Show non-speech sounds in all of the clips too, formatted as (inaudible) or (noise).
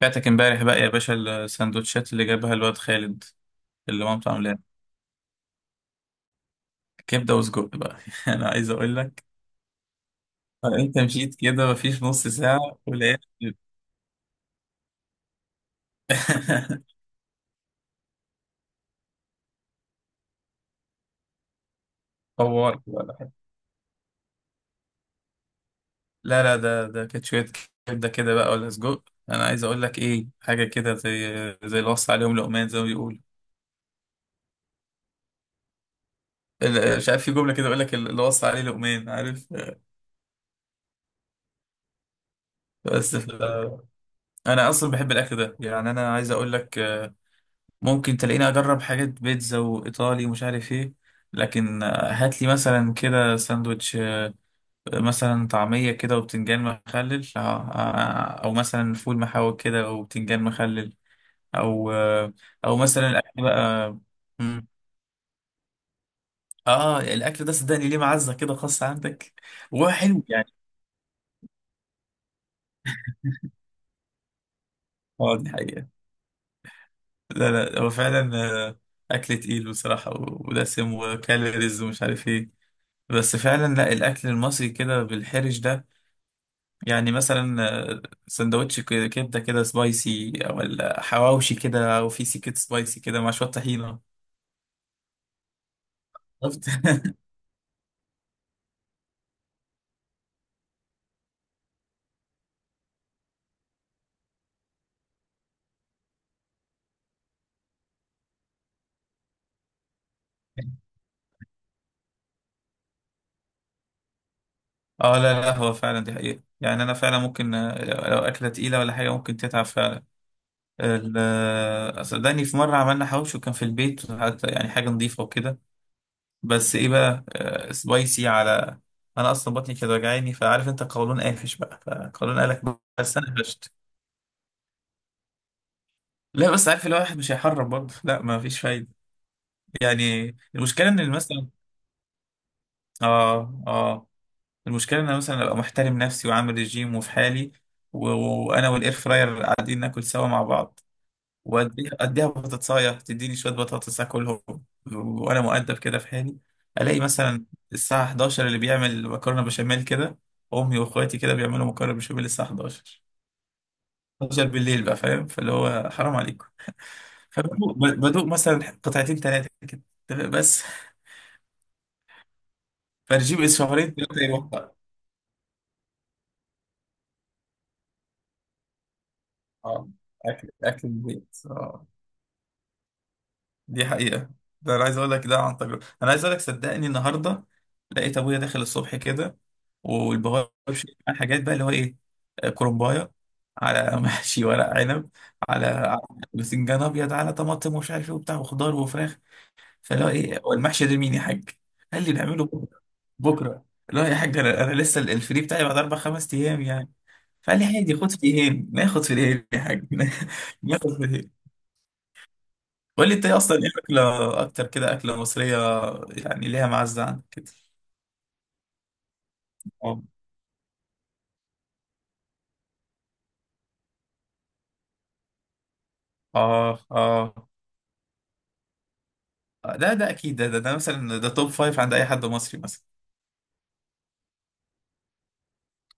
فاتك امبارح بقى يا باشا، السندوتشات اللي جابها الواد خالد اللي مامته عاملاها كبده وسجق بقى. (laughs) انا عايز اقول لك، انت مشيت كده مفيش نص ساعه ولقيت (laughs) فورت بقى. لا لا، ده كانت شويه، كبده كده بقى ولا سجق. انا عايز اقول لك ايه، حاجه كده زي اللي وصى عليهم لقمان، زي ما بيقولوا مش عارف، في جمله كده يقول لك اللي وصى عليه لقمان، عارف؟ بس انا اصلا بحب الاكل ده، يعني انا عايز اقول لك ممكن تلاقيني اجرب حاجات بيتزا وايطالي ومش عارف ايه. لكن هات لي مثلا كده ساندوتش، مثلا طعمية كده وبتنجان مخلل، او مثلا فول محاوي كده وبتنجان مخلل، او او مثلا الاكل بقى. مم. اه، الاكل ده صدقني ليه معزة كده خاصة عندك. وهو حلو يعني. اه، دي حقيقة. لا لا، هو فعلا آه، اكل تقيل بصراحة، ودسم وكالوريز ومش عارف ايه. بس فعلا لا، الاكل المصري كده بالحرش ده يعني مثلا، سندوتش كبده كده سبايسي، او حواوشي كده، او في سكه سبايسي كده مع شويه طحينه. شفت؟ (laughs) اه لا لا، هو فعلا دي حقيقه. يعني انا فعلا ممكن لو اكله تقيله ولا حاجه ممكن تتعب فعلا. صدقني في مره عملنا حواوشي وكان في البيت، حتى يعني حاجه نظيفه وكده، بس ايه بقى، سبايسي على. انا اصلا بطني كانت وجعاني، فعارف انت قولون قافش بقى، فقولون قالك. بس انا قفشت. لا بس، عارف الواحد مش هيحرم برضه، لا ما فيش فايده. يعني المشكله ان مثلا، اه اه، المشكله ان انا مثلا ابقى محترم نفسي وعامل ريجيم وفي حالي، و- وانا والاير فراير قاعدين ناكل سوا مع بعض، واديها اديها بطاطسايه تديني شويه بطاطس اكلهم، وانا مؤدب كده في حالي. الاقي مثلا الساعه 11 اللي بيعمل مكرونه بشاميل كده، امي واخواتي كده بيعملوا مكرونه بشاميل الساعه 11، 11 بالليل بقى، فاهم؟ فاللي هو حرام عليكم. فبدوق بدوق مثلا قطعتين ثلاثه كده بس، فرجيب شهرين ثلاثه يروح. اه، اكل اكل البيت اه، دي حقيقة. ده انا عايز اقول لك ده عن تجربة، انا عايز اقول لك صدقني النهاردة لقيت ابويا داخل الصبح كده، والبهار شايل معاه حاجات بقى، اللي هو ايه، كرنباية، على (laughs) محشي ورق عنب، على باذنجان ابيض، على طماطم ومش عارف ايه وبتاع وخضار وفراخ. فاللي هو ايه، هو المحشي ده مين يا حاج؟ قال لي نعمله بكره بكره. لا يا حاج، انا لسه الفري بتاعي بعد اربع خمس ايام يعني. فقال لي عادي خد في ايه، ناخد في ايه يا حاج، (laughs) ناخد في ايه. قول لي انت ايه اصلا ايه اكله اكتر كده، اكله مصريه يعني، ليها معزه عندك كده. اه اه اه، ده اكيد ده مثلا ده توب فايف عند اي حد مصري مثلا.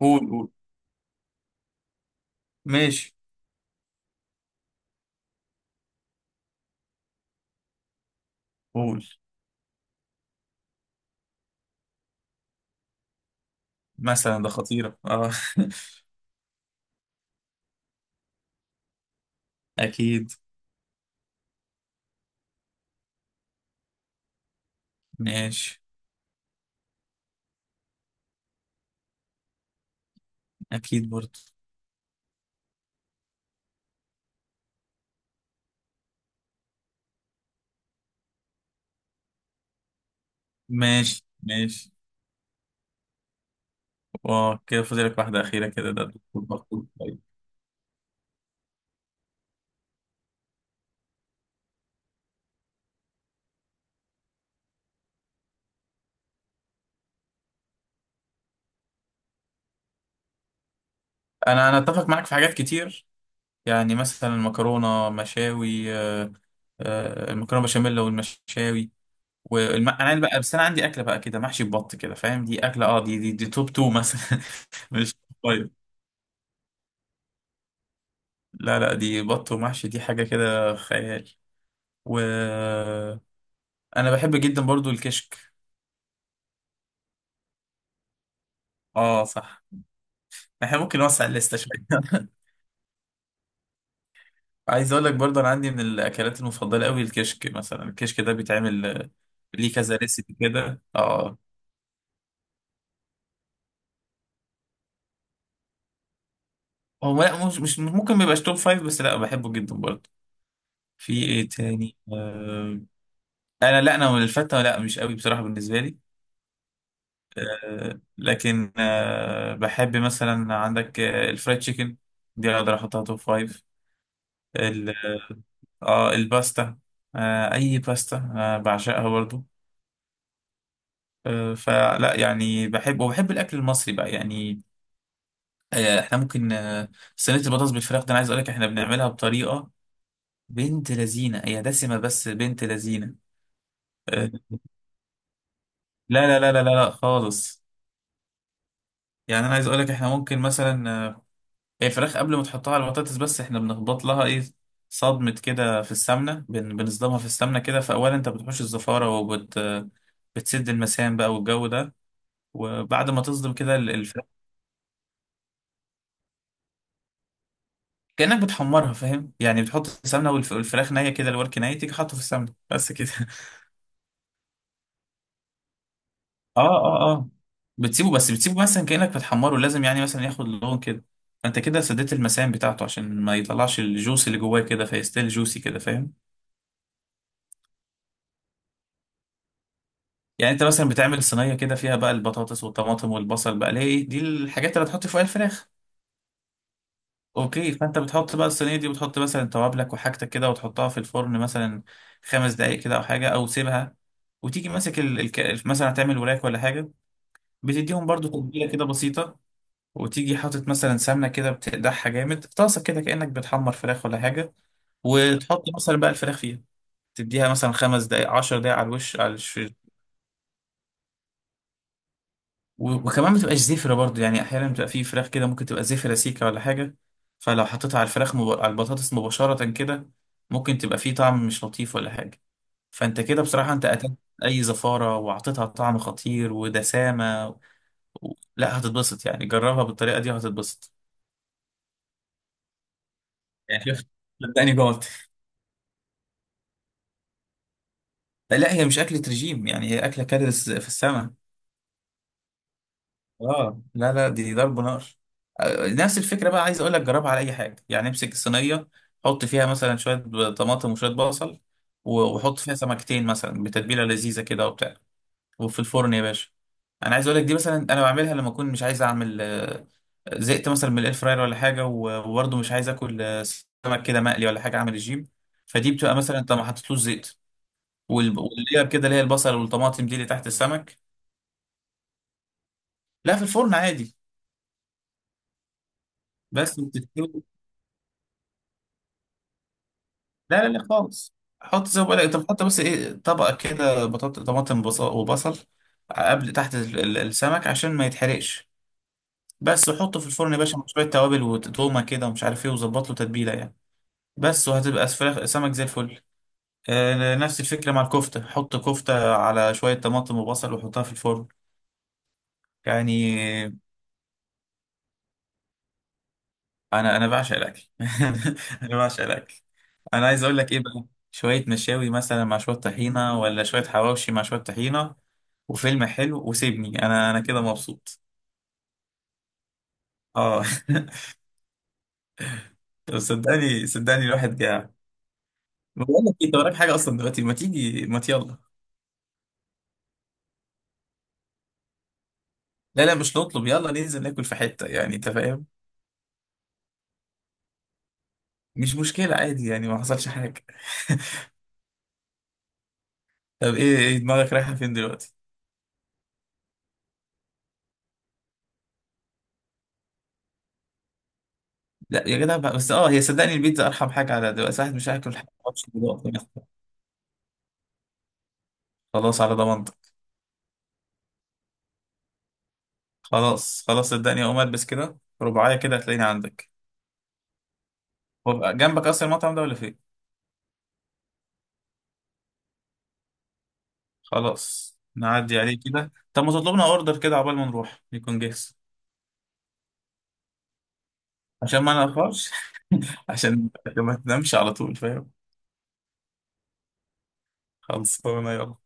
قول قول ماشي قول، مثلا ده خطيره اه. (laughs) اكيد. ماشي. اكيد برضه. ماشي ماشي. وكده فاضلك واحده اخيره كده، ده دكتور مقبول طيب. انا اتفق معاك في حاجات كتير. يعني مثلا المكرونه مشاوي، المكرونه بشاميل والمشاوي انا بقى، بس انا عندي اكله بقى كده محشي ببط كده، فاهم؟ دي اكله، اه دي توب تو مثلا (laughs) مش. طيب لا لا، دي بط ومحشي، دي حاجه كده خيال. و انا بحب جدا برضو الكشك. اه صح، احنا ممكن نوسع الليسته شويه. (laughs) عايز اقول لك برضو انا عندي من الاكلات المفضله قوي الكشك، مثلا الكشك ده بيتعمل ليه كذا ريسيبي كده اه. هو لا، مش ممكن ما يبقاش توب فايف بس، لا بحبه جدا برضو. في ايه تاني؟ انا لا، انا الفتة لا مش قوي بصراحة بالنسبة لي. لكن بحب مثلا عندك الفرايد تشيكن، دي اقدر احطها توب فايف. ال- اه الباستا، اي باستا بعشقها برضو. فلا يعني بحب، وبحب الاكل المصري بقى يعني. احنا ممكن صينية البطاطس بالفراخ ده، انا عايز اقول لك احنا بنعملها بطريقة، بنت لذينة، هي دسمة بس بنت لذينة. آه، لا لا لا لا لا لا خالص. يعني انا عايز اقول لك احنا ممكن مثلا هي الفراخ قبل ما تحطها على البطاطس، بس احنا بنخبط لها ايه، صدمة كده في السمنة، بنصدمها في السمنة كده. فأولا انت بتحوش الزفارة، بتسد المسام بقى والجو ده. وبعد ما تصدم كده الفراخ، كأنك بتحمرها فاهم، يعني بتحط السمنة والفراخ نية كده، الورك نية تيجي حاطه في السمنة بس كده. (laughs) اه اه اه، بتسيبه بس بتسيبه مثلا، كأنك بتحمره لازم يعني مثلا ياخد لون كده. فانت كده سديت المسام بتاعته عشان ما يطلعش الجوس اللي جواه كده، فيستيل جوسي كده، فاهم. يعني انت مثلا بتعمل صينيه كده فيها بقى البطاطس والطماطم والبصل بقى، ليه دي الحاجات اللي هتحط فيها الفراخ. اوكي، فانت بتحط بقى الصينيه دي، وتحط مثلا توابلك وحاجتك كده، وتحطها في الفرن مثلا خمس دقائق كده او حاجه او سيبها. وتيجي ماسك مثلا هتعمل وراك ولا حاجه، بتديهم برضو تتبيله كده بسيطه. وتيجي حاطط مثلا سمنه كده، بتقدحها جامد في طاسه كده، كانك بتحمر فراخ ولا حاجه. وتحط مثلا بقى الفراخ فيها، تديها مثلا خمس دقائق عشر دقائق على الوش، وكمان ما تبقاش زفرة برضو. يعني احيانا بتبقى في فراخ كده ممكن تبقى زفرة سيكة ولا حاجة. فلو حطيتها على الفراخ، على البطاطس مباشرة كده، ممكن تبقى فيه طعم مش لطيف ولا حاجة. فانت كده بصراحة انت قتلت اي زفارة، واعطيتها طعم خطير ودسامة و... لا هتتبسط يعني، جربها بالطريقة دي وهتتبسط. يعني شفت، صدقني جوعت. لا هي مش أكلة رجيم يعني، هي أكلة كالوريز في السماء. اه لا لا، دي ضرب نار. نفس الفكره بقى، عايز اقول لك جربها على اي حاجه. يعني امسك الصينيه، حط فيها مثلا شويه طماطم وشويه بصل، وحط فيها سمكتين مثلا بتتبيله لذيذه كده وبتاع، وفي الفرن يا باشا. انا عايز اقول لك دي مثلا انا بعملها لما اكون مش عايز اعمل زهقت مثلا من الاير فراير ولا حاجه، وبرضه مش عايز اكل سمك كده مقلي ولا حاجه، اعمل الجيم. فدي بتبقى مثلا انت ما حطيتلوش زيت، واللير كده اللي هي البصل والطماطم دي اللي تحت السمك. لا في الفرن عادي. بس لا لا لا خالص، حط زي ما بقولك، انت بتحط بس ايه، طبقه كده بطاطا طماطم بصل وبصل قبل تحت السمك، عشان ما يتحرقش بس. وحطه في الفرن يا باشا، مع شويه توابل وتومه كده ومش عارف ايه، وظبط له تتبيله يعني، بس. وهتبقى فراخ سمك زي الفل. نفس الفكره مع الكفته، حط كفته على شويه طماطم وبصل وحطها في الفرن يعني. انا بعشق الاكل. (laughs) انا بعشق الاكل. انا عايز اقول لك ايه بقى، شويه مشاوي مثلا مع شويه طحينه، ولا شويه حواوشي مع شويه طحينه، وفيلم حلو، وسيبني انا كده مبسوط. اه (laughs) طب صدقني صدقني الواحد جاع. بقول لك انت وراك حاجه اصلا دلوقتي، ما تيجي، ما يلا. لا لا مش نطلب، يلا ننزل ناكل في حته يعني، انت فاهم. مش مشكله، عادي يعني، ما حصلش حاجه. (laughs) طب ايه دماغك رايحه فين دلوقتي؟ لا يا جدع بقى بس، اه هي صدقني البيتزا ارحم حاجه على دلوقتي، واحد مش هاكل حاجه معرفش دلوقتي مثلاً. خلاص على ضمانتك. خلاص خلاص صدقني اقوم البس كده رباعيه كده، هتلاقيني عندك. هو بقى جنبك اصلا المطعم ده، ولا فين؟ خلاص نعدي عليه كده. طب ما تطلبنا اوردر كده، عقبال ما نروح يكون جاهز. عشان ما نأخرش. (laughs) عشان ما تنامش على طول، فاهم. خلصانه يلا.